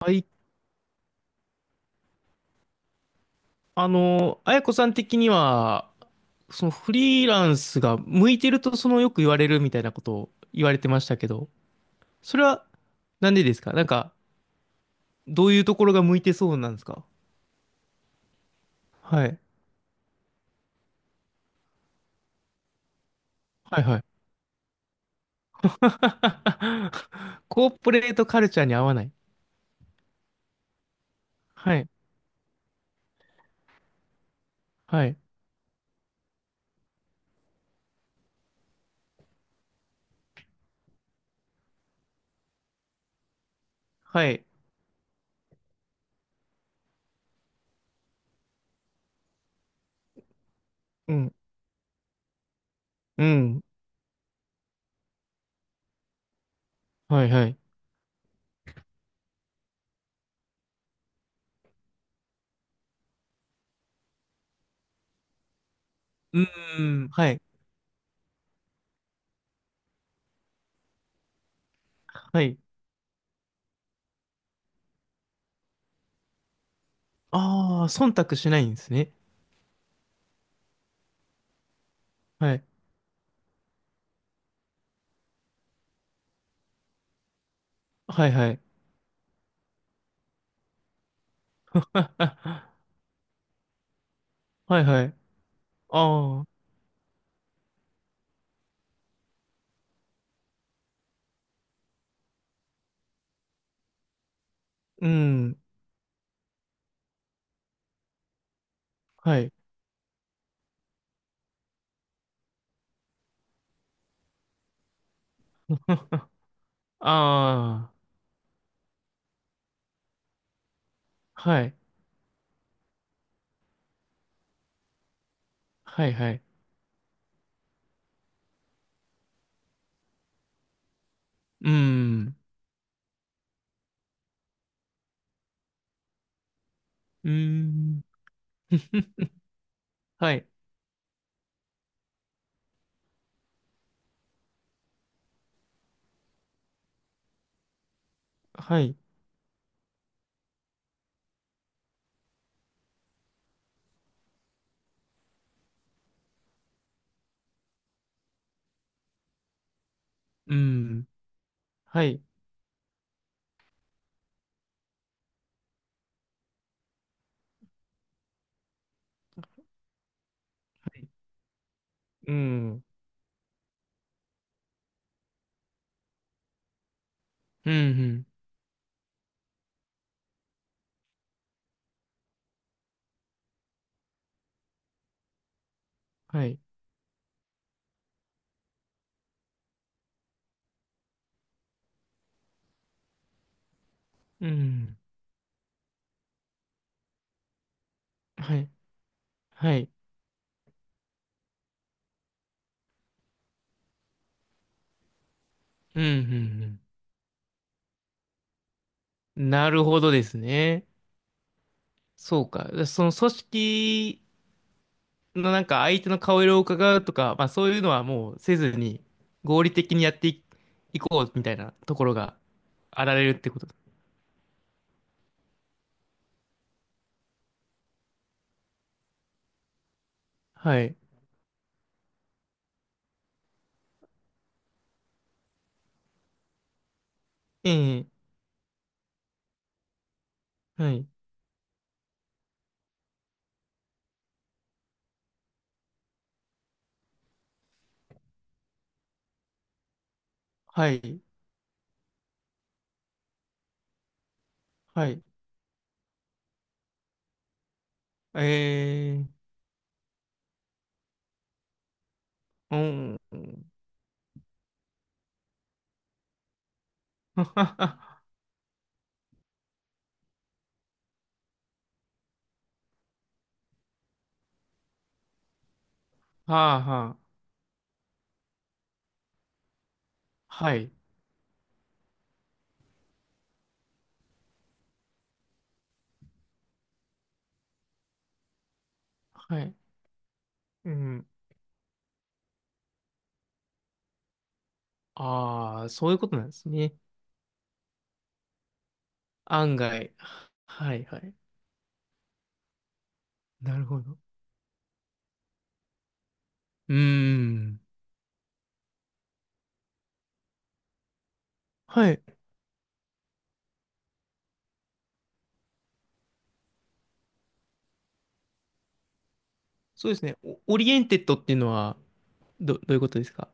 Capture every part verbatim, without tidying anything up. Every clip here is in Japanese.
はい、あの、あやこさん的には、そのフリーランスが向いてるとそのよく言われるみたいなことを言われてましたけど、それはなんでですか？なんか、どういうところが向いてそうなんですか？はい。はいはい。コーポレートカルチャーに合わない。はい。はい。はい。うん。うん。はいはい。うーん。はい。はい。ああ、忖度しないんですね。はい。はいはい。はいはい。ああ。うん。はい。ああ、はい。はい、はい。うーん。うーん。はい。はい。うーん。はい。はい。うーん。うんうん。はい。うーん。はい。はい。うんうんうん。なるほどですね。そうか。その組織のなんか相手の顔色を伺うとか、まあそういうのはもうせずに合理的にやってい、いこうみたいなところがあられるってこと？はい。ええ。はい。はい。はい。ええー、うん。はははあ。はい。はい。うん。ああ、そういうことなんですね。案外。はいはい。なるほど。うーん。はい。そうですね。オオリエンテッドっていうのは、ど、どういうことですか？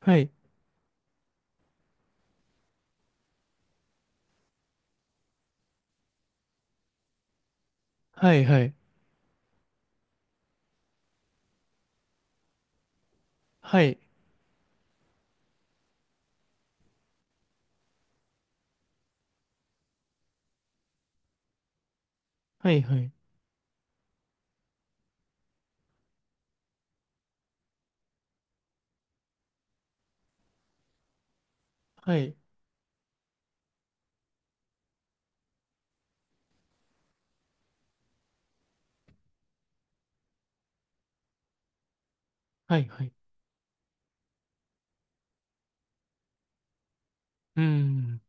はい。はいはい。はい。はいはい。はい。はいはい。うーん。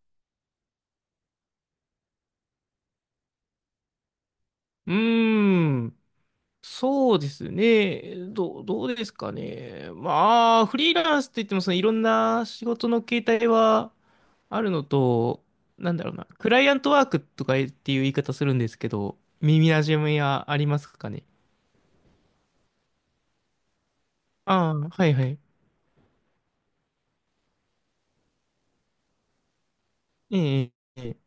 うーん。そうですね。どう、どうですかね。まあ、フリーランスって言っても、そのいろんな仕事の形態はあるのと、なんだろうな、クライアントワークとかっていう言い方するんですけど、耳なじみはありますかね。ああ、はいはい。ええ、ええ、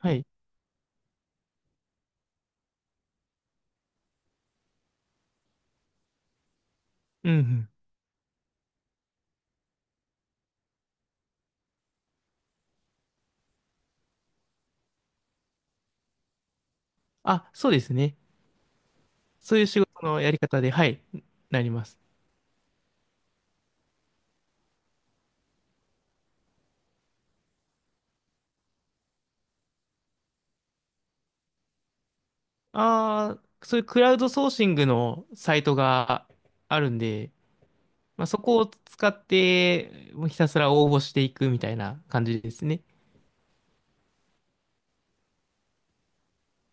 はい。うんうん。あ、そうですね。そういう仕事のやり方で、はい、なります。ああ、そういうクラウドソーシングのサイトがあるんで、まあ、そこを使って、もうひたすら応募していくみたいな感じですね。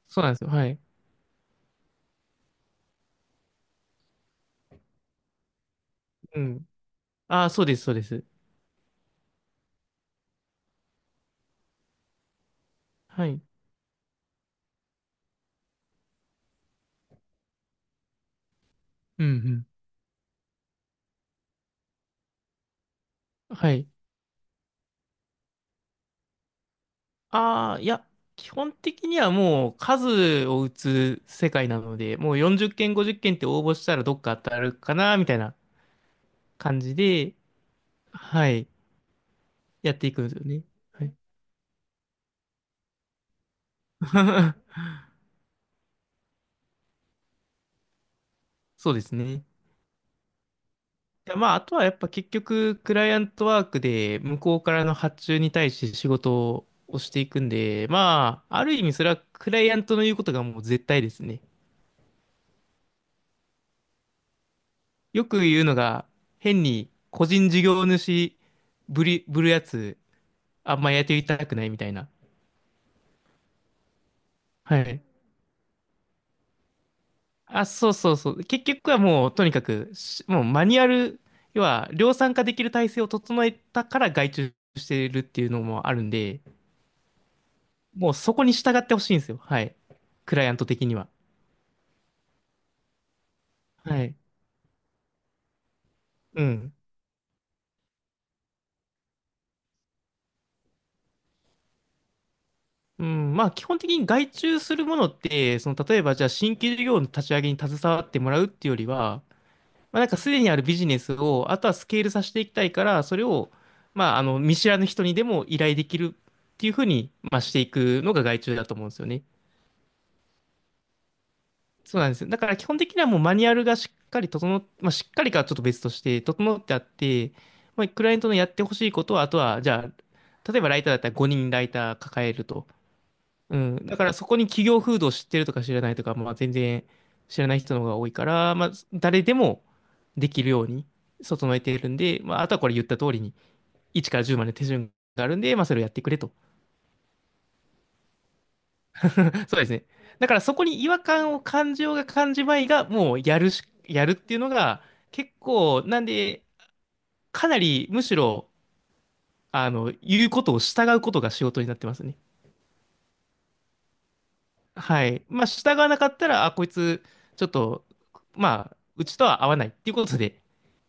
そうなんですよ。はい。うん。ああ、そうです、そうです。はい。うん、うん。はい。ああ、いや、基本的にはもう数を打つ世界なので、もうよんじゅっけん、50件っけんって応募したらどっか当たるかな、みたいな感じで、はい。やっていくんですよね。はい。そうですね。や、まあ、あとはやっぱ結局、クライアントワークで向こうからの発注に対して仕事をしていくんで、まあ、ある意味それはクライアントの言うことがもう絶対ですね。よく言うのが、変に個人事業主ぶり、ぶるやつ、あんまやってみたくないみたいな。はい。あ、そうそうそう。結局はもう、とにかくし、もうマニュアル、要は量産化できる体制を整えたから外注してるっていうのもあるんで、もうそこに従ってほしいんですよ。はい。クライアント的には。はい。うん。うん。まあ、基本的に外注するものって、その、例えば、じゃあ、新規事業の立ち上げに携わってもらうっていうよりは、まあ、なんか、すでにあるビジネスを、あとはスケールさせていきたいから、それを、まあ、あの、見知らぬ人にでも依頼できるっていうふうに、まあ、していくのが外注だと思うんですよね。そうなんですよ。だから基本的にはもうマニュアルがしっかり整っ、まあ、しっかりかはちょっと別として整ってあって、まあ、クライアントのやってほしいことは、あとは、じゃあ、例えばライターだったらごにんライター抱えると。うん。だからそこに企業風土を知ってるとか知らないとか、まあ、全然知らない人の方が多いから、まあ、誰でもできるように整えているんで、まあ、あとはこれ言った通りに、いちからじゅうまで手順があるんで、まあ、それをやってくれと。そうですね。だからそこに違和感を感じようが感じまいが、もうやるし、やるっていうのが、結構、なんで、かなりむしろ、あの、言うことを従うことが仕事になってますね。はい。まあ、従わなかったら、あ、こいつ、ちょっと、まあ、うちとは合わないっていうことで、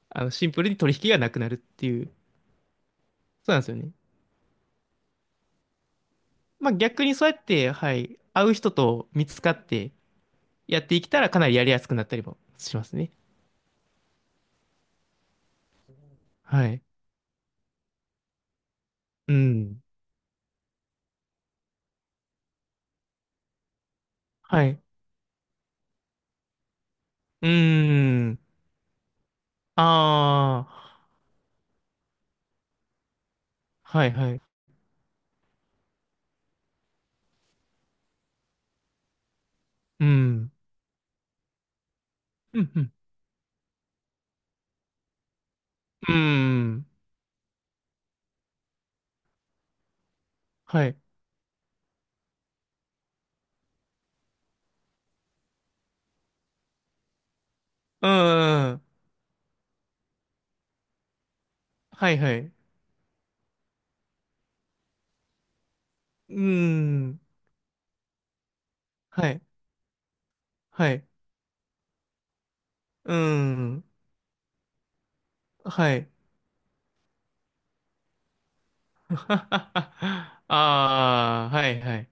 あの、シンプルに取引がなくなるっていう。そうなんですよね。まあ、逆にそうやって、はい、会う人と見つかってやっていけたら、かなりやりやすくなったりもしますね。はい。うん。はい。うーん。ああ、はいはい。うん。うん、うん。うん。はい。うん。はいはい。うん。はい。はい。うん。はい。ああ、はいはい。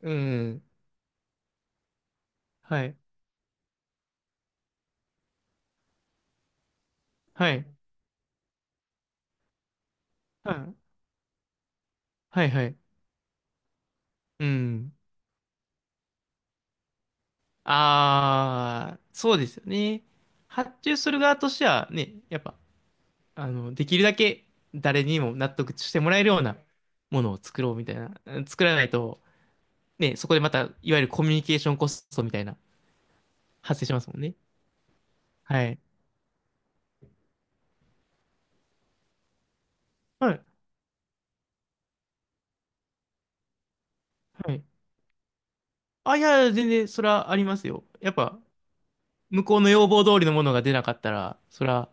うん。はい。はい。はいはいはい。うん。ああ、そうですよね。発注する側としてはね、やっぱ、あの、できるだけ誰にも納得してもらえるようなものを作ろうみたいな、作らないと、ね、そこでまた、いわゆるコミュニケーションコストみたいな、発生しますもんね。はい。はい。はい。あ、いや、全然、それはありますよ。やっぱ、向こうの要望通りのものが出なかったら、それは、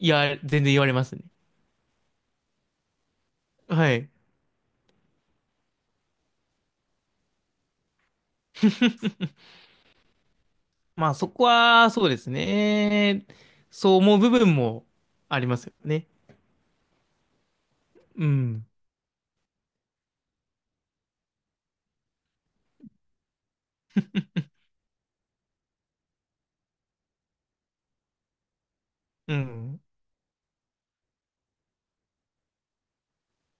いや、全然言われますね。はい。まあ、そこは、そうですね。そう思う部分もありますよね。うん。うん。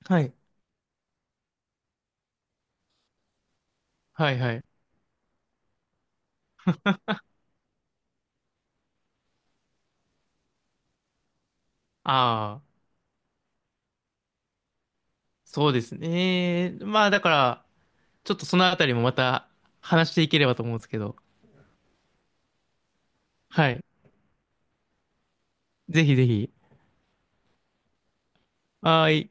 はい。はい、はい。ああ、そうですね。まあ、だから、ちょっとそのあたりもまた話していければと思うんですけど。はい。ぜひぜひ。はーい。